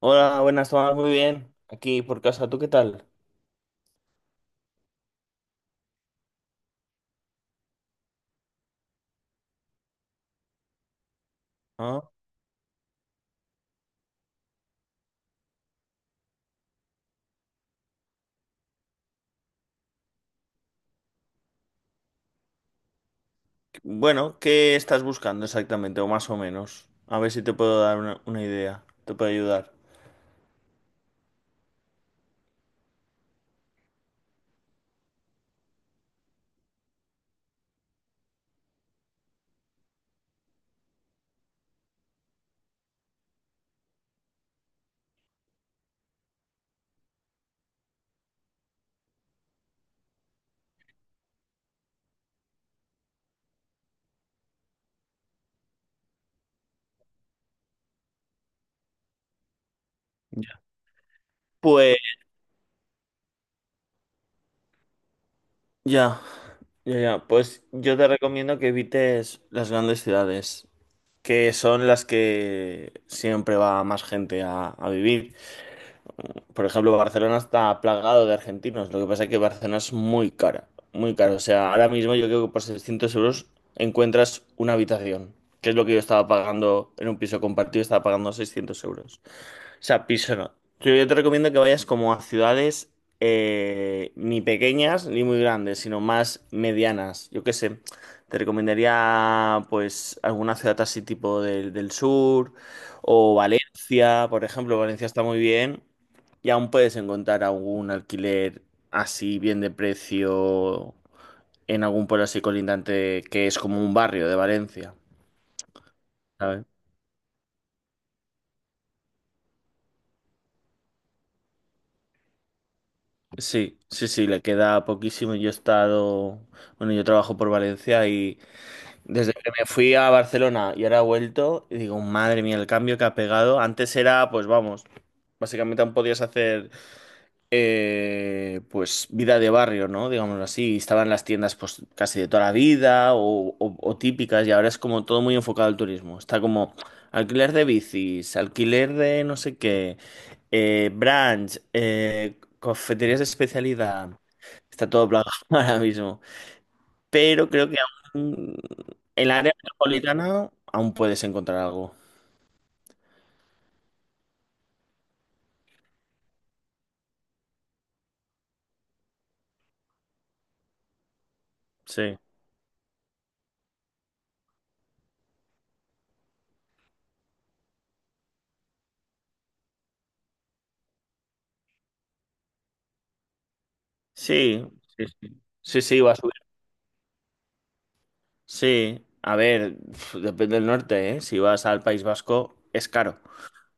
Hola, buenas, Tomás, muy bien. Aquí por casa, ¿tú qué tal? Ah, bueno, ¿qué estás buscando exactamente? O más o menos. A ver si te puedo dar una idea, te puedo ayudar. Ya. Pues ya, ya, ya. Pues yo te recomiendo que evites las grandes ciudades, que son las que siempre va más gente a vivir. Por ejemplo, Barcelona está plagado de argentinos. Lo que pasa es que Barcelona es muy cara, muy cara. O sea, ahora mismo yo creo que por 600 euros encuentras una habitación, que es lo que yo estaba pagando en un piso compartido, estaba pagando 600 euros. O sea, piso no. Yo te recomiendo que vayas como a ciudades ni pequeñas ni muy grandes, sino más medianas. Yo qué sé, te recomendaría pues alguna ciudad así tipo del sur o Valencia, por ejemplo. Valencia está muy bien y aún puedes encontrar algún alquiler así bien de precio en algún pueblo así colindante que es como un barrio de Valencia, ¿sabes? Sí, sí, sí, le queda poquísimo. Yo he estado, bueno, yo trabajo por Valencia y desde que me fui a Barcelona y ahora he vuelto, y digo, madre mía, el cambio que ha pegado. Antes era, pues vamos, básicamente aún podías hacer pues vida de barrio, ¿no? Digámoslo así. Estaban las tiendas pues casi de toda la vida o típicas y ahora es como todo muy enfocado al turismo. Está como alquiler de bicis, alquiler de no sé qué, brunch, cafeterías de especialidad. Está todo plagado ahora mismo. Pero creo que aún en la área metropolitana aún puedes encontrar algo. Sí. Sí, sí, sí. Sí, sí, va a subir. Sí, a ver, pf, depende del norte, ¿eh? Si vas al País Vasco, es caro.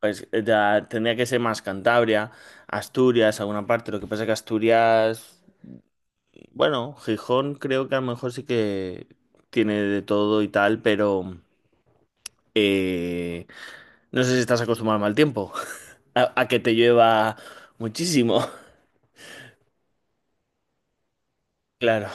Pues, ya tendría que ser más Cantabria, Asturias, alguna parte. Lo que pasa es que Asturias, bueno, Gijón creo que a lo mejor sí que tiene de todo y tal, pero eh, no sé si estás acostumbrado al mal tiempo, a que te llueva muchísimo. Claro.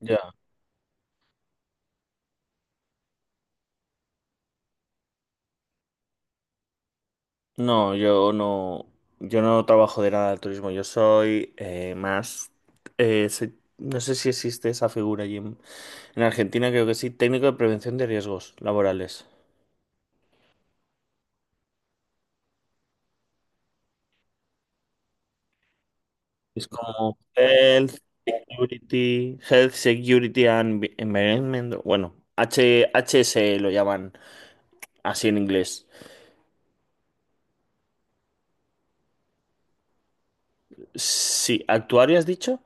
Ya. No, yo no trabajo de nada de turismo. Yo soy más, no sé si existe esa figura allí en, Argentina, creo que sí, técnico de prevención de riesgos laborales. Es como Health, Security and Environment, bueno, HSE lo llaman así en inglés. Sí, ¿actuario has dicho?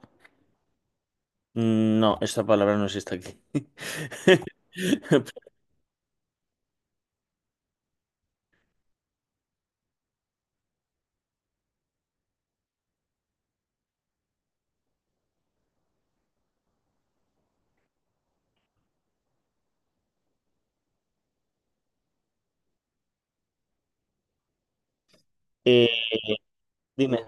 No, esta palabra no existe aquí. Eh, Dime,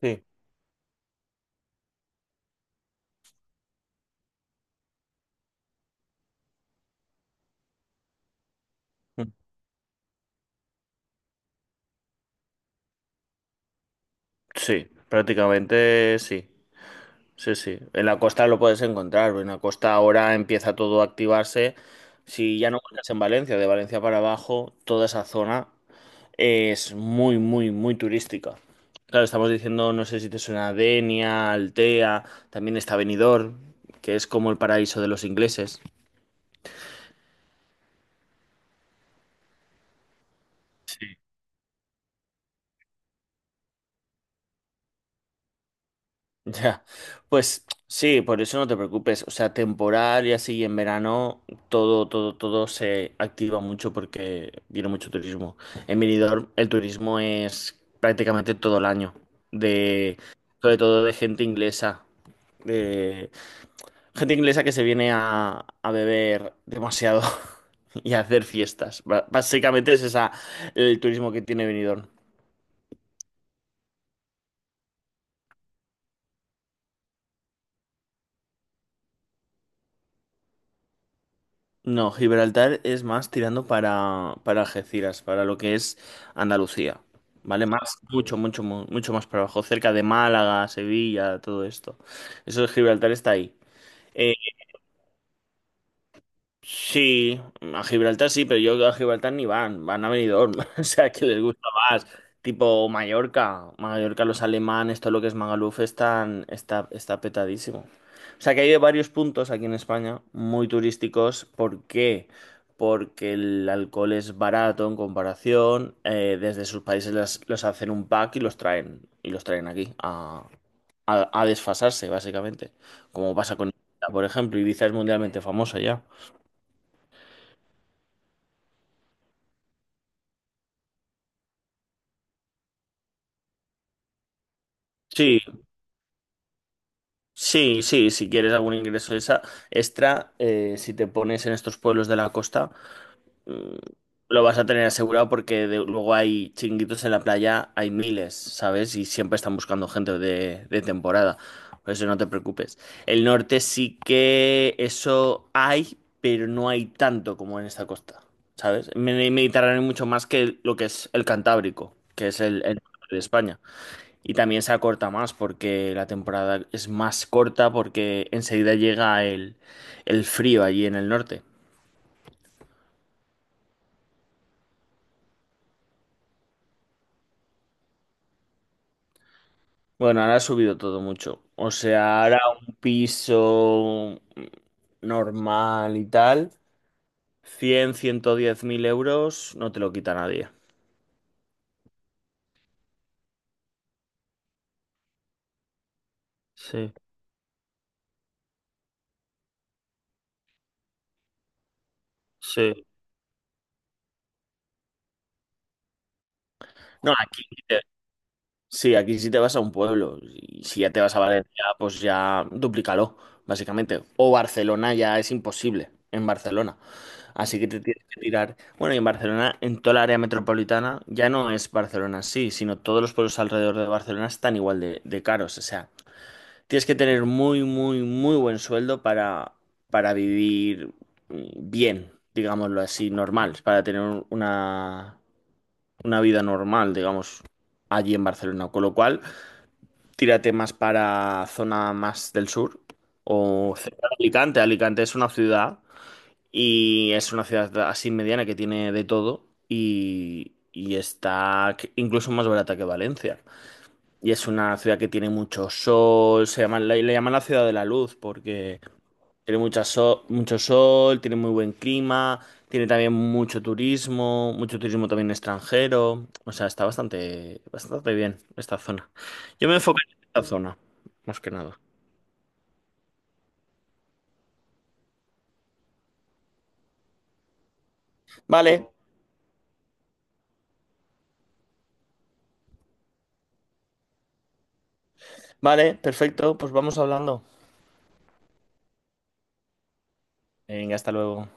sí. Sí, prácticamente sí. Sí, sí. En la costa lo puedes encontrar. En la costa ahora empieza todo a activarse. Si ya no buscas en Valencia, de Valencia para abajo, toda esa zona es muy, muy, muy turística. Claro, estamos diciendo, no sé si te suena Denia, Altea, también está Benidorm, que es como el paraíso de los ingleses. Ya, pues sí, por eso no te preocupes. O sea, temporal y así en verano todo, todo, todo se activa mucho porque viene mucho turismo. En Benidorm el turismo es prácticamente todo el año, de, sobre todo de gente inglesa que se viene a beber demasiado y a hacer fiestas. Básicamente es esa el turismo que tiene Benidorm. No, Gibraltar es más tirando para, Algeciras, para lo que es Andalucía, ¿vale? Más, mucho, mucho, mucho más para abajo, cerca de Málaga, Sevilla, todo esto. Eso de Gibraltar está ahí. Eh, Sí, a Gibraltar sí, pero yo a Gibraltar ni van, van a Benidorm, o sea, que les gusta más, tipo Mallorca, Mallorca los alemanes, todo lo que es Magaluf está petadísimo. O sea, que hay varios puntos aquí en España muy turísticos, ¿por qué? Porque el alcohol es barato en comparación, desde sus países hacen un pack y los traen aquí a, a desfasarse, básicamente, como pasa con Ibiza, por ejemplo, Ibiza es mundialmente famosa ya. Sí, sí, sí, si quieres algún ingreso extra, si te pones en estos pueblos de la costa, mm, lo vas a tener asegurado porque luego hay chinguitos en la playa, hay miles, ¿sabes? Y siempre están buscando gente de temporada, por eso no te preocupes. El norte sí que eso hay, pero no hay tanto como en esta costa, ¿sabes? En el Mediterráneo hay mucho más que lo que es el Cantábrico, que es el norte de España. Y también se acorta más porque la temporada es más corta porque enseguida llega el frío allí en el norte. Bueno, ahora ha subido todo mucho. O sea, ahora un piso normal y tal, ciento diez mil euros no te lo quita nadie. Sí, sí. No, aquí. Sí, aquí si te vas a un pueblo. Y si ya te vas a Valencia, pues ya duplícalo, básicamente. O Barcelona ya es imposible en Barcelona. Así que te tienes que tirar. Bueno, y en Barcelona, en toda la área metropolitana, ya no es Barcelona sí, sino todos los pueblos alrededor de Barcelona están igual de caros. O sea, tienes que tener muy, muy, muy buen sueldo para, vivir bien, digámoslo así, normal, para tener una, una vida normal, digamos, allí en Barcelona. Con lo cual. Tírate más para zona más del sur o cerca de Alicante. Alicante es una ciudad y es una ciudad así mediana que tiene de todo y está incluso más barata que Valencia. Y es una ciudad que tiene mucho sol, le llaman la ciudad de la luz porque tiene mucho sol, tiene muy buen clima, tiene también mucho turismo también extranjero. O sea, está bastante, bastante bien esta zona. Yo me enfoco en esta zona, más que nada. Vale, vale, perfecto, pues vamos hablando. Venga, hasta luego.